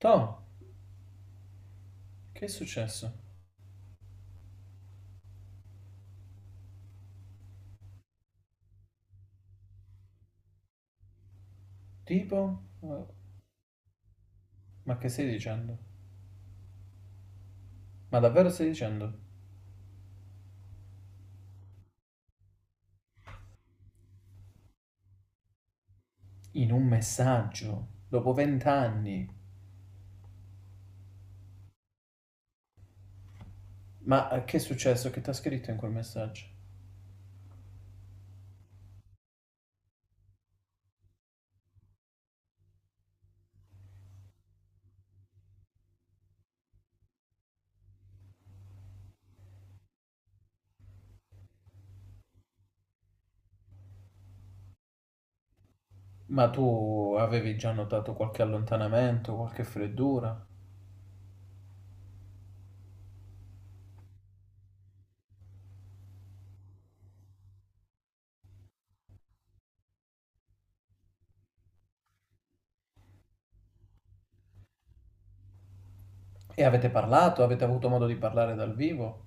Toh, che è successo? Tipo, ma che stai dicendo? Ma davvero stai dicendo? In un messaggio, dopo 20 anni. Ma che è successo? Che ti ha scritto in quel messaggio? Ma tu avevi già notato qualche allontanamento, qualche freddura? E avete parlato? Avete avuto modo di parlare dal vivo?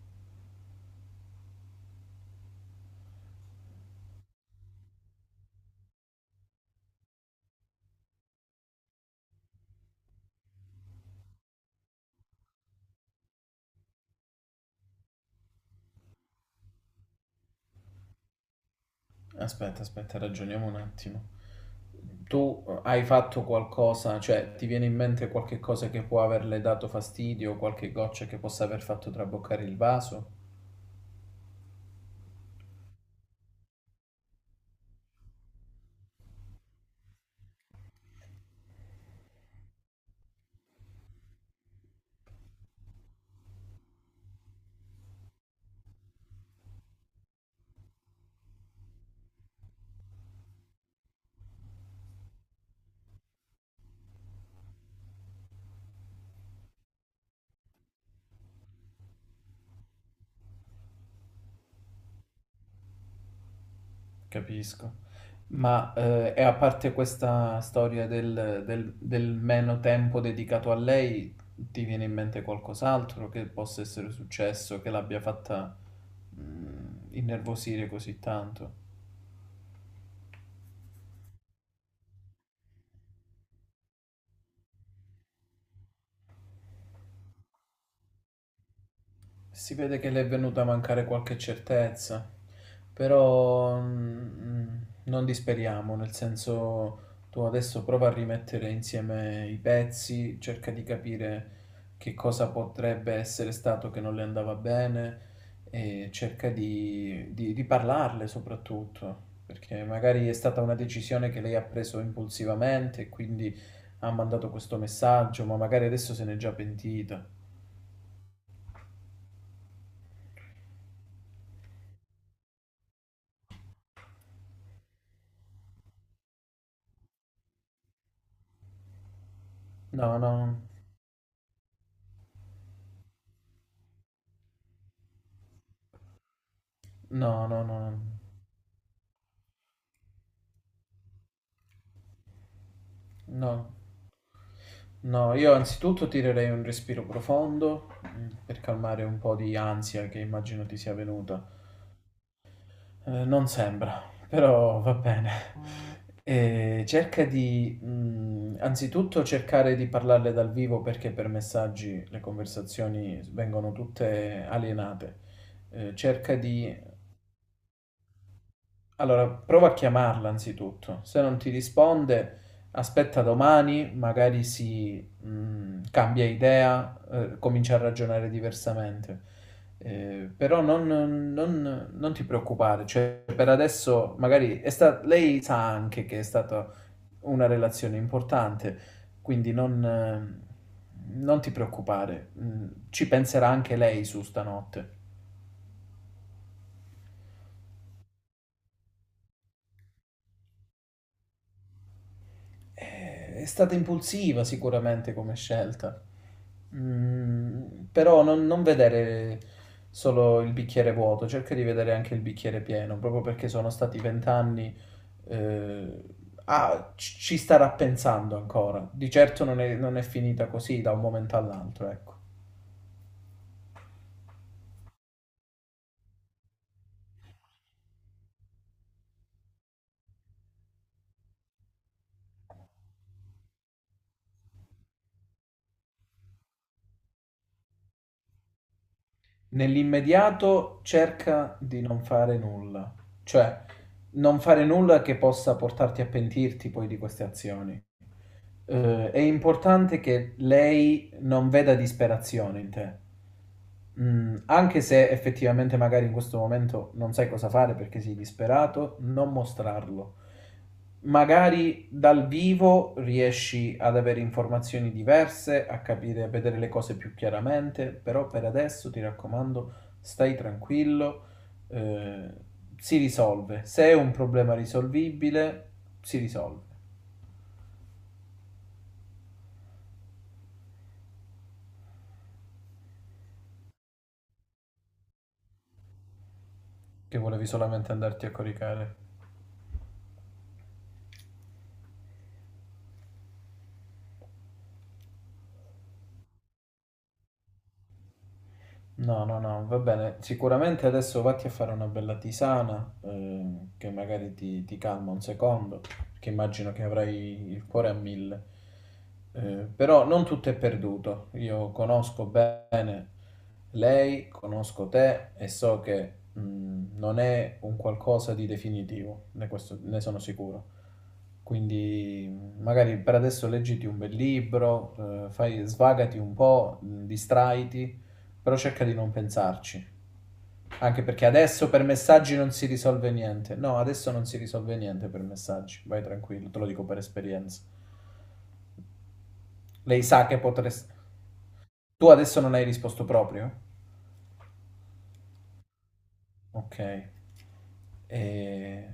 Aspetta, aspetta, ragioniamo un attimo. Tu hai fatto qualcosa, cioè ti viene in mente qualche cosa che può averle dato fastidio, qualche goccia che possa aver fatto traboccare il vaso? Capisco. Ma e a parte questa storia del meno tempo dedicato a lei, ti viene in mente qualcos'altro che possa essere successo, che l'abbia fatta innervosire così tanto? Si vede che le è venuta a mancare qualche certezza, però non disperiamo, nel senso tu adesso prova a rimettere insieme i pezzi, cerca di capire che cosa potrebbe essere stato che non le andava bene e cerca di parlarle soprattutto, perché magari è stata una decisione che lei ha preso impulsivamente e quindi ha mandato questo messaggio, ma magari adesso se n'è già pentita. No, no, no, no, no, no. No, no, io anzitutto tirerei un respiro profondo per calmare un po' di ansia che immagino ti sia venuta. Non sembra, però va bene. E cerca di, anzitutto cercare di parlarle dal vivo perché per messaggi le conversazioni vengono tutte alienate. Cerca di Allora, prova a chiamarla anzitutto. Se non ti risponde, aspetta domani, magari si cambia idea, comincia a ragionare diversamente. Però non ti preoccupare, cioè per adesso magari lei sa anche che è stata una relazione importante, quindi non ti preoccupare. Ci penserà anche lei su stanotte. È stata impulsiva sicuramente come scelta. Mm, Però non vedere solo il bicchiere vuoto, cerca di vedere anche il bicchiere pieno, proprio perché sono stati 20 anni, eh, ci starà pensando ancora. Di certo non è finita così da un momento all'altro, ecco. Nell'immediato cerca di non fare nulla, cioè non fare nulla che possa portarti a pentirti poi di queste azioni. È importante che lei non veda disperazione in te. Anche se effettivamente magari in questo momento non sai cosa fare perché sei disperato, non mostrarlo. Magari dal vivo riesci ad avere informazioni diverse, a capire, a vedere le cose più chiaramente, però per adesso ti raccomando, stai tranquillo, eh, si risolve. Se è un problema risolvibile, si risolve. Che volevi solamente andarti a coricare. No, no, no, va bene. Sicuramente adesso vatti a fare una bella tisana, che magari ti calma un secondo, perché immagino che avrai il cuore a mille. Però non tutto è perduto. Io conosco bene lei, conosco te e so che non è un qualcosa di definitivo, ne sono sicuro. Quindi magari per adesso leggiti un bel libro, svagati un po', distraiti, però cerca di non pensarci. Anche perché adesso per messaggi non si risolve niente. No, adesso non si risolve niente per messaggi. Vai tranquillo, te lo dico per esperienza. Lei sa che potresti... Tu adesso non hai risposto proprio? Okay. Ehm,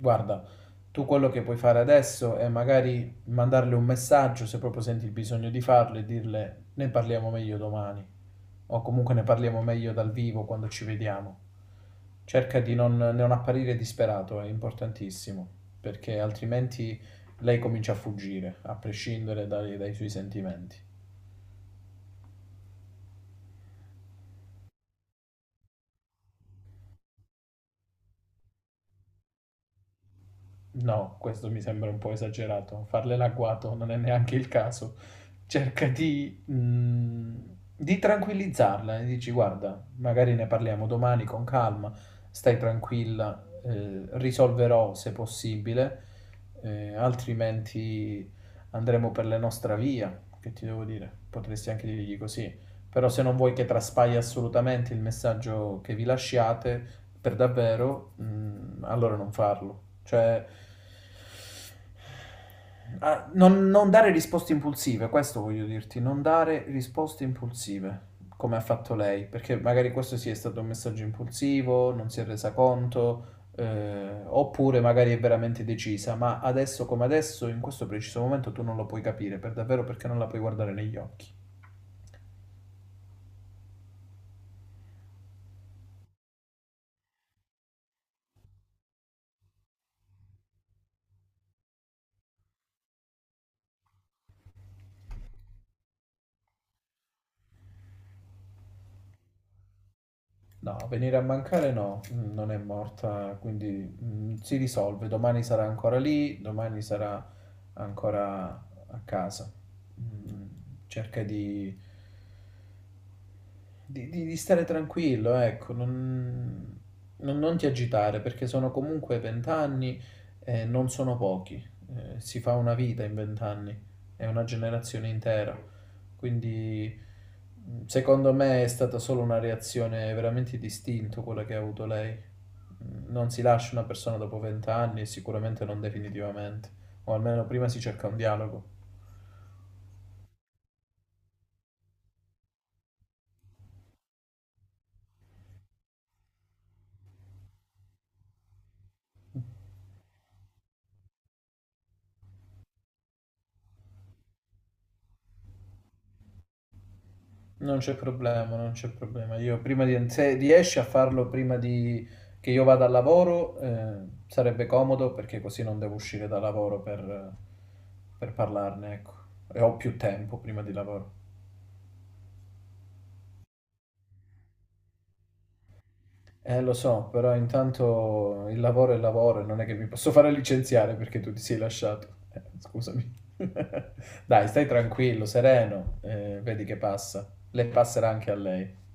Guarda, tu quello che puoi fare adesso è magari mandarle un messaggio, se proprio senti il bisogno di farlo, e dirle: "Ne parliamo meglio domani", o comunque "Ne parliamo meglio dal vivo quando ci vediamo". Cerca di non apparire disperato, è importantissimo, perché altrimenti lei comincia a fuggire, a prescindere dai suoi sentimenti. No, questo mi sembra un po' esagerato. Farle l'agguato non è neanche il caso. Cerca di tranquillizzarla e dici: "Guarda, magari ne parliamo domani con calma, stai tranquilla, risolverò se possibile, altrimenti andremo per la nostra via". Che ti devo dire? Potresti anche dirgli così. Però se non vuoi che traspaia assolutamente il messaggio che vi lasciate, per davvero, allora non farlo. Cioè, non dare risposte impulsive, questo voglio dirti, non dare risposte impulsive, come ha fatto lei, perché magari questo sì è stato un messaggio impulsivo, non si è resa conto, oppure magari è veramente decisa, ma adesso come adesso, in questo preciso momento, tu non lo puoi capire per davvero perché non la puoi guardare negli occhi. No, venire a mancare no, non è morta, quindi si risolve. Domani sarà ancora lì, domani sarà ancora a casa. Mm, cerca di stare tranquillo, ecco, non ti agitare perché sono comunque 20 anni e non sono pochi. Si fa una vita in 20 anni, è una generazione intera. Quindi, secondo me, è stata solo una reazione veramente distinta quella che ha avuto lei. Non si lascia una persona dopo 20 anni, sicuramente non definitivamente, o almeno prima si cerca un dialogo. Non c'è problema, non c'è problema. Io prima di, se riesci a farlo prima di, che io vada al lavoro, sarebbe comodo perché così non devo uscire da lavoro per parlarne, ecco. E ho più tempo prima di lavoro. Lo so, però intanto il lavoro è lavoro e non è che mi posso fare licenziare perché tu ti sei lasciato. Scusami. Dai, stai tranquillo, sereno, vedi che passa. Le passerà anche a lei.